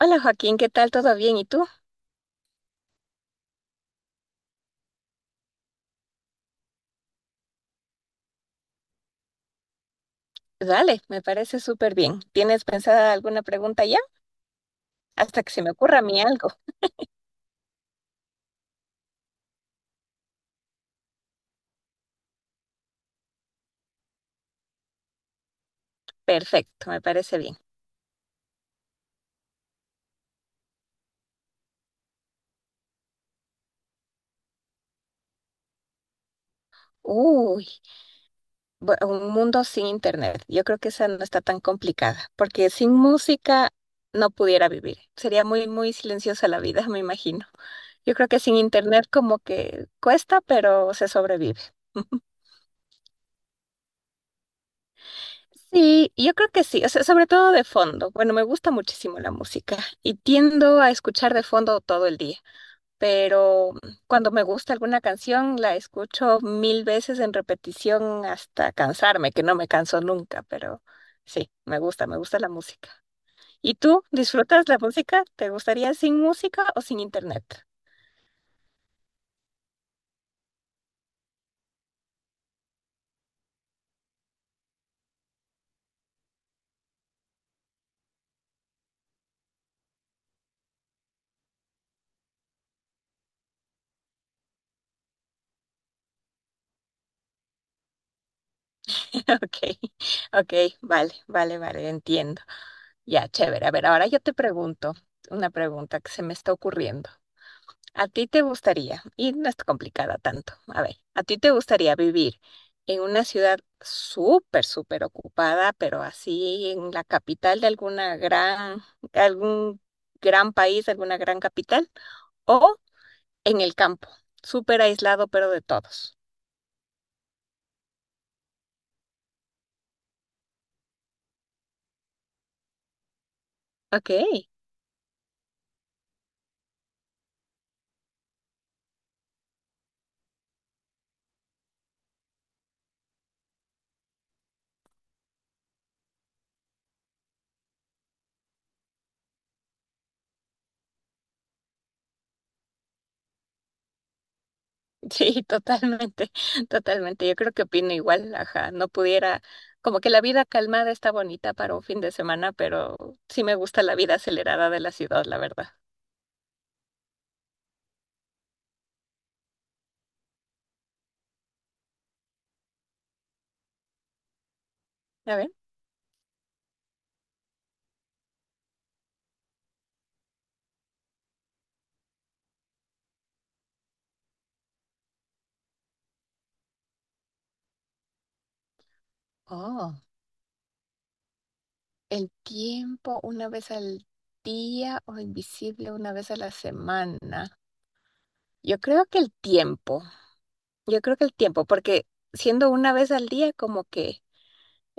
Hola Joaquín, ¿qué tal? ¿Todo bien? ¿Y tú? Dale, me parece súper bien. ¿Tienes pensada alguna pregunta ya? Hasta que se me ocurra a mí algo. Perfecto, me parece bien. Uy, un mundo sin internet. Yo creo que esa no está tan complicada, porque sin música no pudiera vivir. Sería muy, muy silenciosa la vida, me imagino. Yo creo que sin internet como que cuesta, pero se sobrevive. Sí, yo creo que sí, o sea, sobre todo de fondo. Bueno, me gusta muchísimo la música y tiendo a escuchar de fondo todo el día. Pero cuando me gusta alguna canción la escucho 1000 veces en repetición hasta cansarme, que no me canso nunca, pero sí, me gusta la música. ¿Y tú disfrutas la música? ¿Te gustaría sin música o sin internet? Ok, ok, vale, vale, vale, entiendo. Ya, chévere. A ver, ahora yo te pregunto una pregunta que se me está ocurriendo. ¿A ti te gustaría, y no es complicada tanto, a ver, a ti te gustaría vivir en una ciudad súper, súper ocupada, pero así en la capital de alguna gran, algún gran país, alguna gran capital, o en el campo, súper aislado, pero de todos? Ok, sí, totalmente, totalmente. Yo creo que opino igual, ajá, no pudiera, como que la vida calmada está bonita para un fin de semana, pero sí me gusta la vida acelerada de la ciudad, la verdad. A ver. Oh, el tiempo una vez al día o invisible una vez a la semana. Yo creo que el tiempo, yo creo que el tiempo, porque siendo una vez al día como que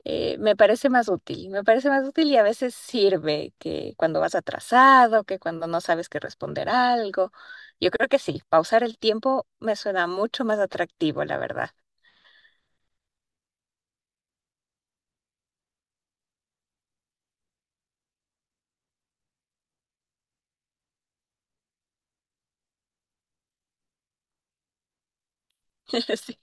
me parece más útil, me parece más útil y a veces sirve que cuando vas atrasado, que cuando no sabes qué responder algo. Yo creo que sí, pausar el tiempo me suena mucho más atractivo, la verdad. Sí.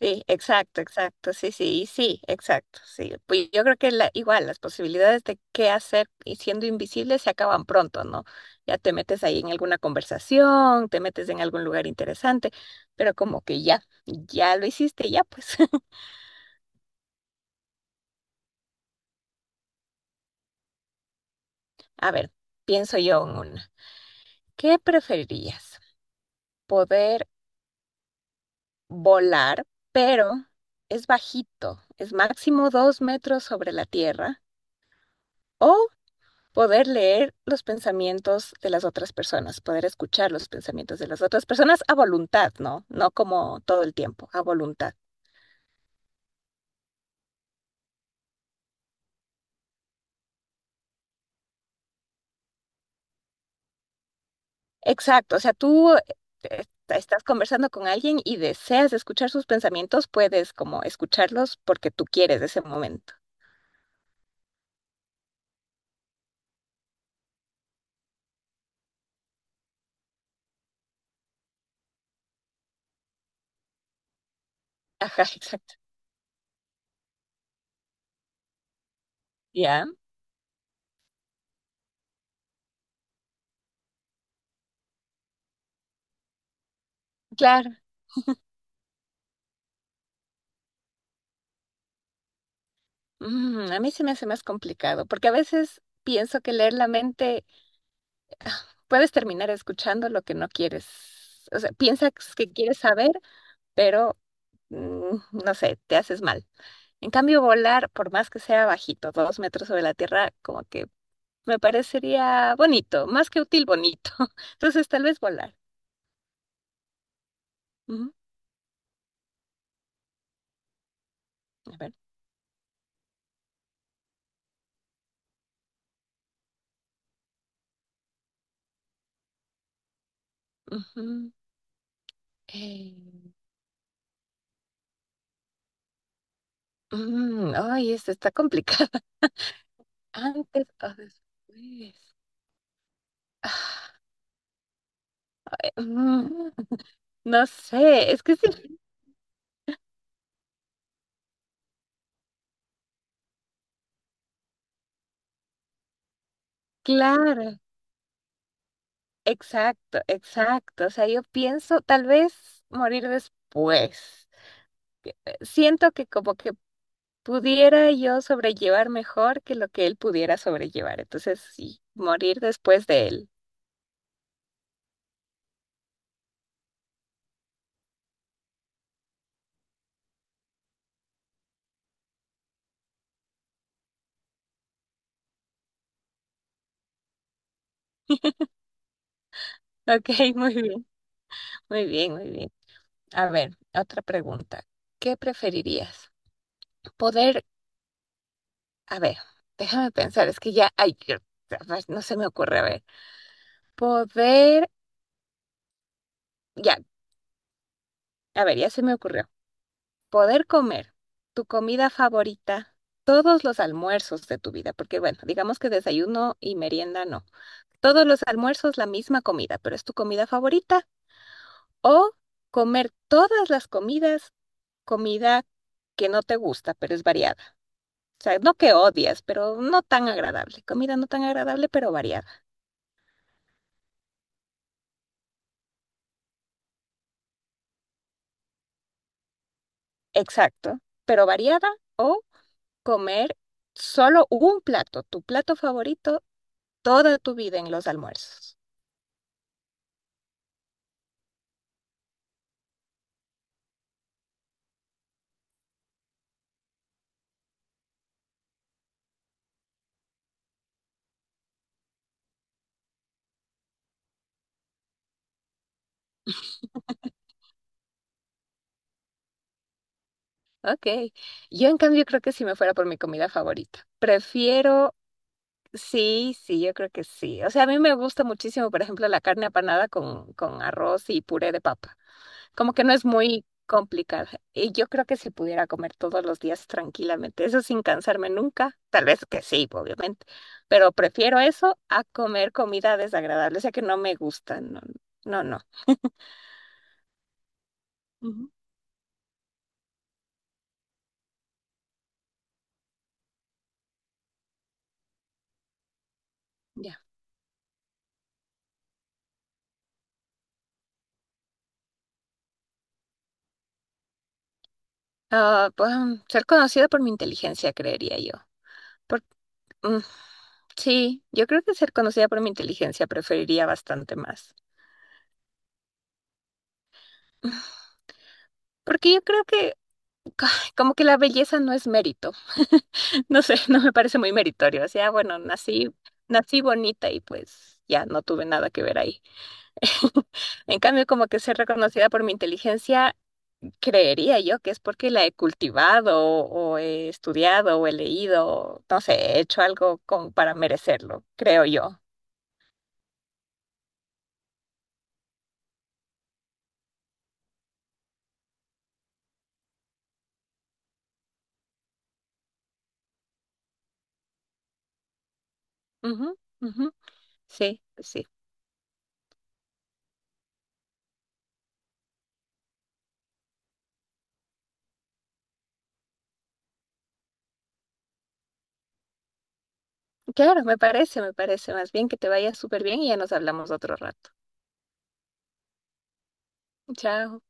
Sí, exacto, exacto, sí, sí, y sí, exacto, sí. Pues yo creo que la, igual las posibilidades de qué hacer y siendo invisible se acaban pronto, ¿no? Ya te metes ahí en alguna conversación, te metes en algún lugar interesante, pero como que ya, ya lo hiciste, ya pues. A ver, pienso yo en una. ¿Qué preferirías? ¿Poder volar, pero es bajito, es máximo 2 metros sobre la tierra? ¿O poder leer los pensamientos de las otras personas, poder escuchar los pensamientos de las otras personas a voluntad, ¿no? No como todo el tiempo, a voluntad. Exacto, o sea, tú estás conversando con alguien y deseas escuchar sus pensamientos, puedes como escucharlos porque tú quieres ese momento. Ajá, exacto. Ya, claro. Mm, a mí se me hace más complicado porque a veces pienso que leer la mente puedes terminar escuchando lo que no quieres. O sea, piensas que quieres saber, pero no sé, te haces mal. En cambio, volar, por más que sea bajito, 2 metros sobre la tierra, como que me parecería bonito, más que útil, bonito. Entonces, tal vez volar. Ujú. A ver. Ujú, eh, ay, esto está complicado. Antes o después. Ah, eh, mm, no sé, es que sí, claro, exacto, exacto. O sea, yo pienso tal vez morir después, siento que como que pudiera yo sobrellevar mejor que lo que él pudiera sobrellevar. Entonces, sí, morir después de él. Ok, muy bien, muy bien, muy bien. A ver, otra pregunta. ¿Qué preferirías? Poder, a ver, déjame pensar, es que ya, ay, ay, no se me ocurre, a ver. Poder, ya, a ver, ya se me ocurrió. Poder comer tu comida favorita, todos los almuerzos de tu vida, porque bueno, digamos que desayuno y merienda no. Todos los almuerzos la misma comida, pero es tu comida favorita. O comer todas las comidas, comida que no te gusta, pero es variada. O sea, no que odias, pero no tan agradable. Comida no tan agradable, pero variada. Exacto. Pero variada, o comer solo un plato, tu plato favorito, toda tu vida en los almuerzos. Ok. Yo en cambio creo que si me fuera por mi comida favorita, prefiero. Sí, sí, yo creo que sí. O sea, a mí me gusta muchísimo, por ejemplo, la carne apanada con, arroz y puré de papa. Como que no es muy complicada. Y yo creo que si pudiera comer todos los días tranquilamente, eso sin cansarme nunca, tal vez que sí, obviamente, pero prefiero eso a comer comida desagradable, o sea que no me gusta, no, no, no. Ujú. Ya. Ah, pues, ser conocida por mi inteligencia, creería yo. Por- mm, sí, yo creo que ser conocida por mi inteligencia preferiría bastante más. Porque yo creo que ca- como que la belleza no es mérito. No sé, no me parece muy meritorio. O sea, bueno, nací, nací bonita y pues ya no tuve nada que ver ahí. En cambio, como que ser reconocida por mi inteligencia, creería yo que es porque la he cultivado o he estudiado o he leído, no sé, he hecho algo como para merecerlo, creo yo. Ujú, ujú. Sí, sí. Claro, me parece, me parece. Más bien que te vaya súper bien y ya nos hablamos otro rato. Chao.